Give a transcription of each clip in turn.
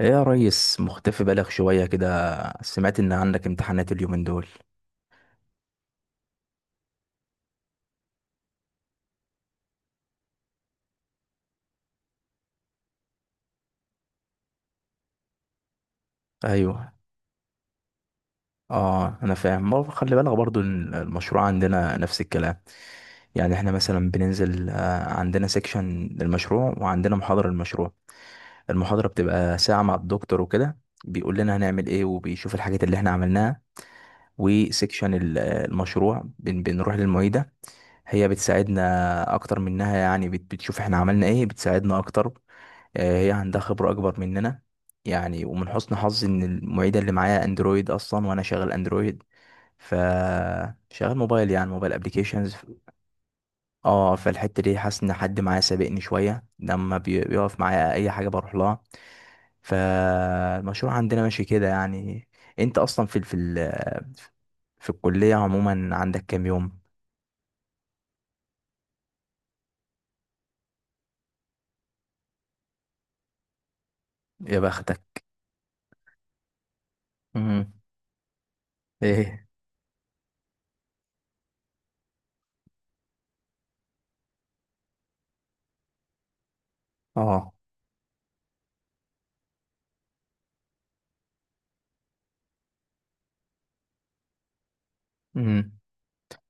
ايه يا ريس؟ مختفي بالغ شوية كده. سمعت ان عندك امتحانات اليومين دول؟ ايوه. اه، انا فاهم برضه. خلي بالك برضه، المشروع عندنا نفس الكلام. يعني احنا مثلا بننزل، عندنا سيكشن للمشروع وعندنا محاضرة للمشروع. المحاضرة بتبقى ساعة مع الدكتور وكده. بيقول لنا هنعمل ايه، وبيشوف الحاجات اللي احنا عملناها. وسيكشن المشروع بنروح للمعيدة. هي بتساعدنا اكتر منها، يعني بتشوف احنا عملنا ايه، بتساعدنا اكتر. هي عندها خبرة أكبر مننا. يعني، ومن حسن حظي إن المعيدة اللي معايا أندرويد أصلا، وأنا شغال أندرويد. ف شغال موبايل، يعني موبايل أبليكيشنز. اه، فالحتة دي حاسس إن حد معايا سابقني شوية، لما بيقف معايا أي حاجة بروح لها. فالمشروع عندنا ماشي كده يعني. أنت أصلا في الكلية عموما عندك كام يوم؟ يا بختك. مم. إيه؟ اه.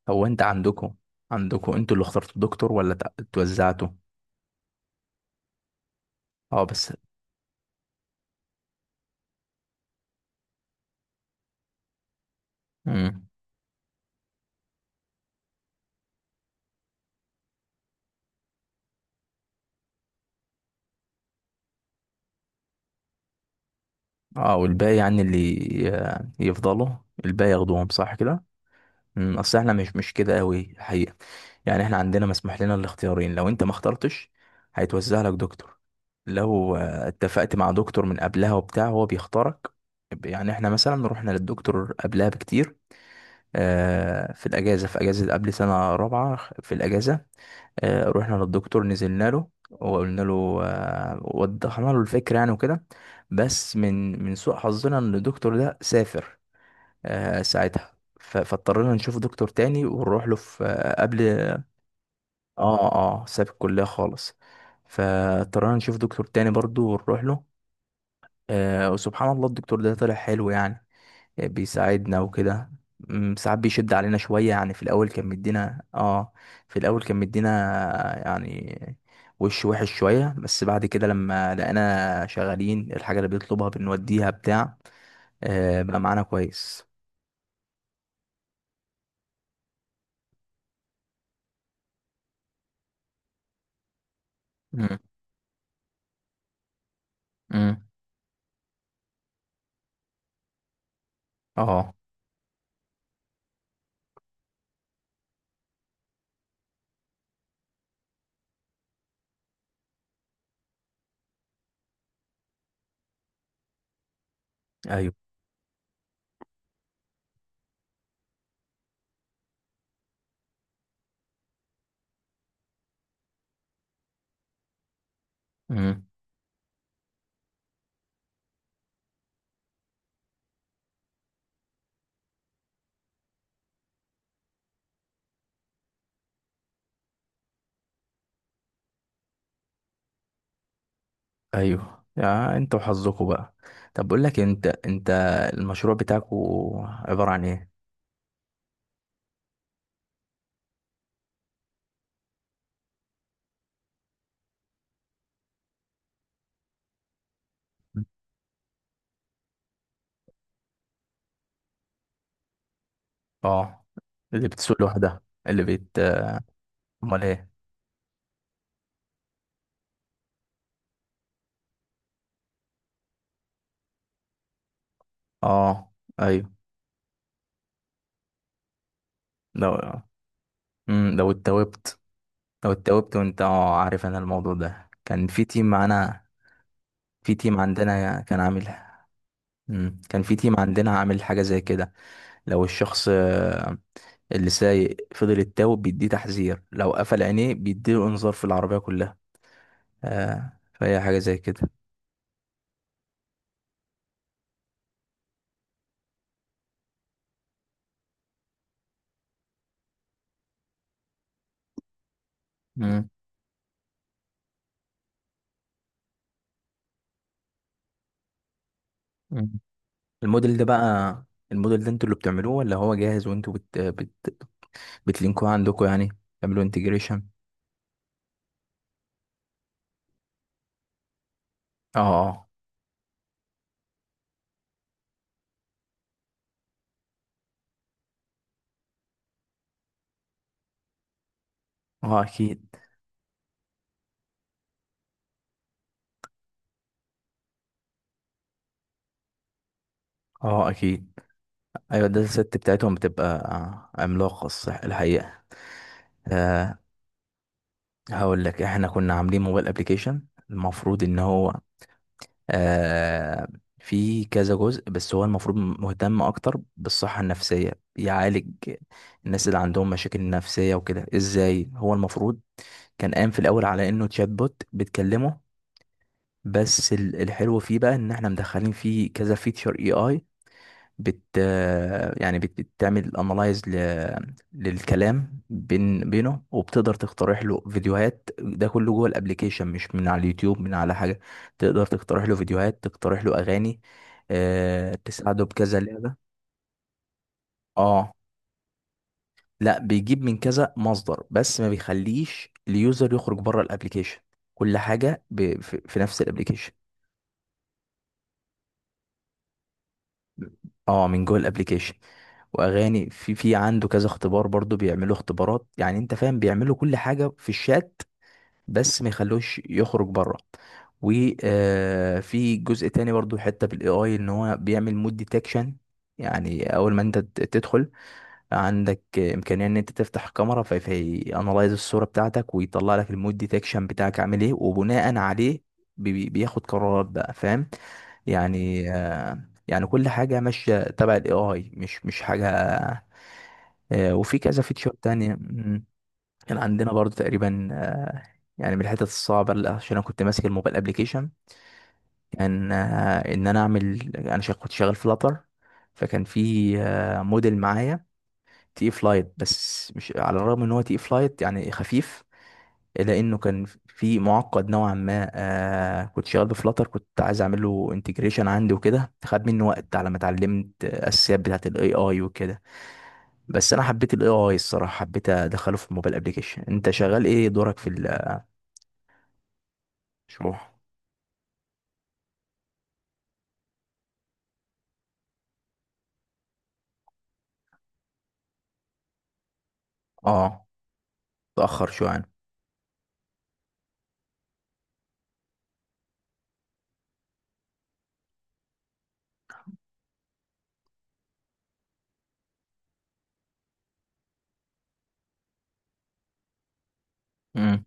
هو انت عندكم، عندكم انتوا اللي اخترتوا الدكتور ولا اتوزعتوا؟ اه، بس. امم. اه، والباقي يعني اللي يفضلوا، الباقي ياخدوهم صح كده؟ اصل احنا مش كده قوي الحقيقه. يعني احنا عندنا مسموح لنا الاختيارين. لو انت ما اخترتش هيتوزع لك دكتور. لو اتفقت مع دكتور من قبلها وبتاع، هو بيختارك. يعني احنا مثلا رحنا للدكتور قبلها بكتير، في الاجازه، في اجازه قبل سنه رابعه. في الاجازه رحنا للدكتور، نزلنا له وقلنا له، وضحنا له الفكرة يعني وكده. بس من سوء حظنا ان الدكتور ده سافر ساعتها. فاضطرينا نشوف دكتور تاني ونروح له في، قبل. اه، اه، ساب الكلية خالص. فاضطرينا نشوف دكتور تاني برضو ونروح له. وسبحان الله الدكتور ده طلع حلو يعني، يعني بيساعدنا وكده. ساعات بيشد علينا شوية يعني. في الأول كان مدينا، اه، في الأول كان مدينا يعني وش وحش شوية. بس بعد كده لما لقينا شغالين الحاجة اللي بيطلبها بنوديها بتاع، بقى معانا كويس. مم. مم. اه. ايوه. مم. ايوه، يا انت وحظكوا بقى. طب بقول لك إيه، انت المشروع بتاعك عبارة عن ايه؟ اه. اللي بتسوق لوحدها. اللي بت امال ايه؟ اه، ايوه، لو لو اتوبت. لو اتوبت وانت، عارف، انا الموضوع ده كان في تيم معانا. في تيم عندنا كان عامل. كان في تيم عندنا عامل حاجة زي كده. لو الشخص اللي سايق فضل يتوب، بيديه تحذير، لو قفل عينيه بيديله انذار في العربية كلها. فهي حاجة زي كده. امم. مم. الموديل ده بقى، الموديل ده انتوا اللي بتعملوه ولا هو جاهز وانتوا بتلينكوه عندكم يعني؟ تعملوا انتجريشن؟ اه. اه. اه، اكيد. اه، اكيد. ايوه، ده الست بتاعتهم بتبقى عملاقة الصح الحقيقة. أه، هقول لك. احنا كنا عاملين موبايل ابليكيشن المفروض ان هو، أه، في كذا جزء. بس هو المفروض مهتم اكتر بالصحة النفسية. بيعالج الناس اللي عندهم مشاكل نفسية وكده. ازاي هو المفروض؟ كان قام في الاول على انه تشات بوت بتكلمه، بس الحلو فيه بقى ان احنا مدخلين فيه كذا فيتشر اي اي. بت يعني بتعمل انالايز للكلام بينه، وبتقدر تقترح له فيديوهات، ده كله جوه الابليكيشن، مش من على اليوتيوب من على حاجة. تقدر تقترح له فيديوهات، تقترح له اغاني، تساعده بكذا لعبة. اه. لا، بيجيب من كذا مصدر بس ما بيخليش اليوزر يخرج بره الابليكيشن. كل حاجة في نفس الابليكيشن. اه، من جوه الابليكيشن. واغاني. في عنده كذا اختبار برضو، بيعملوا اختبارات يعني انت فاهم، بيعملوا كل حاجه في الشات بس ما يخلوش يخرج بره. وفي جزء تاني برضو حته بالاي اي، ان هو بيعمل مود ديتكشن. يعني اول ما انت تدخل، عندك امكانيه ان انت تفتح كاميرا، في انالايز الصوره بتاعتك، ويطلع لك المود ديتكشن بتاعك عامل ايه، وبناء عليه بياخد قرارات بقى، فاهم؟ يعني يعني كل حاجه ماشيه تبع الاي اي، مش حاجه. وفي كذا فيتشر تانية. مم. كان عندنا برضو تقريبا يعني من الحتت الصعبة، عشان أنا كنت ماسك الموبايل أبليكيشن. كان إن أنا أعمل، كنت شغال فلاتر. فكان في موديل معايا تقيل فلايت. بس مش، على الرغم ان هو تقيل فلايت يعني خفيف، الا انه كان في معقد نوعا ما. كنت شغال بفلاتر، كنت عايز اعمل له انتجريشن عندي وكده. خد مني وقت على ما اتعلمت الاساسيات بتاعت الاي اي وكده. بس انا حبيت الاي اي الصراحه، حبيت ادخله في الموبايل ابلكيشن. انت شغال ايه؟ دورك في الشروح؟ اه. تاخر شويه عن. امم.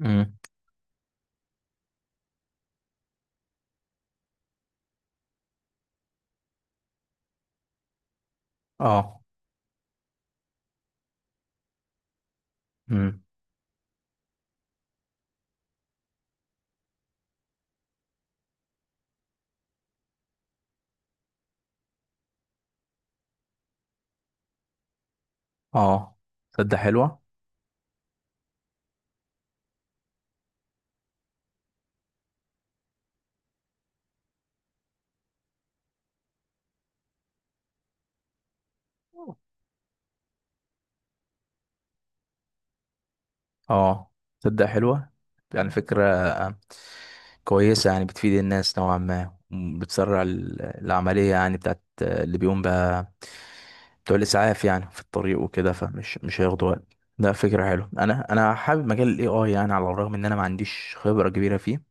امم. اه. امم. اه. تصدق حلوه. اه. تصدق حلوة. يعني فكرة كويسة، يعني بتفيد الناس نوعا ما، بتسرع العملية، يعني بتاعت اللي بيقوم بقى بتوع الإسعاف، يعني في الطريق وكده، فمش مش هياخدوا وقت. ده فكرة حلوة. أنا حابب مجال ال AI يعني، على الرغم إن أنا ما عنديش خبرة كبيرة فيه.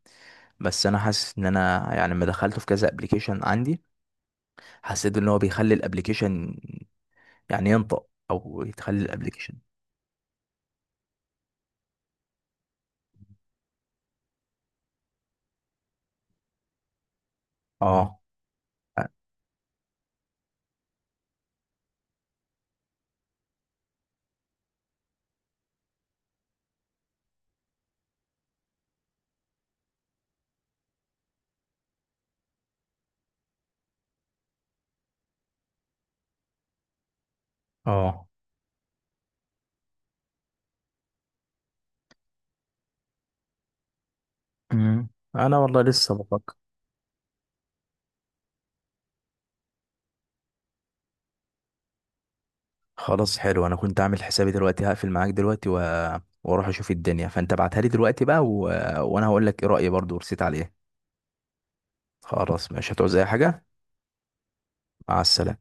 بس أنا حاسس إن أنا، يعني لما دخلته في كذا ابلكيشن عندي، حسيت إن هو بيخلي الابلكيشن يعني ينطق، أو يتخلي الابلكيشن. اه. اه. مم. انا والله لسه بفكر. خلاص، حلو. انا كنت عامل حسابي دلوقتي، هقفل معاك دلوقتي واروح اشوف الدنيا. فانت ابعتها لي دلوقتي بقى وانا هقول لك ايه رايي برضو، ورسيت عليه. خلاص، مش هتعوز اي حاجه. مع السلامه.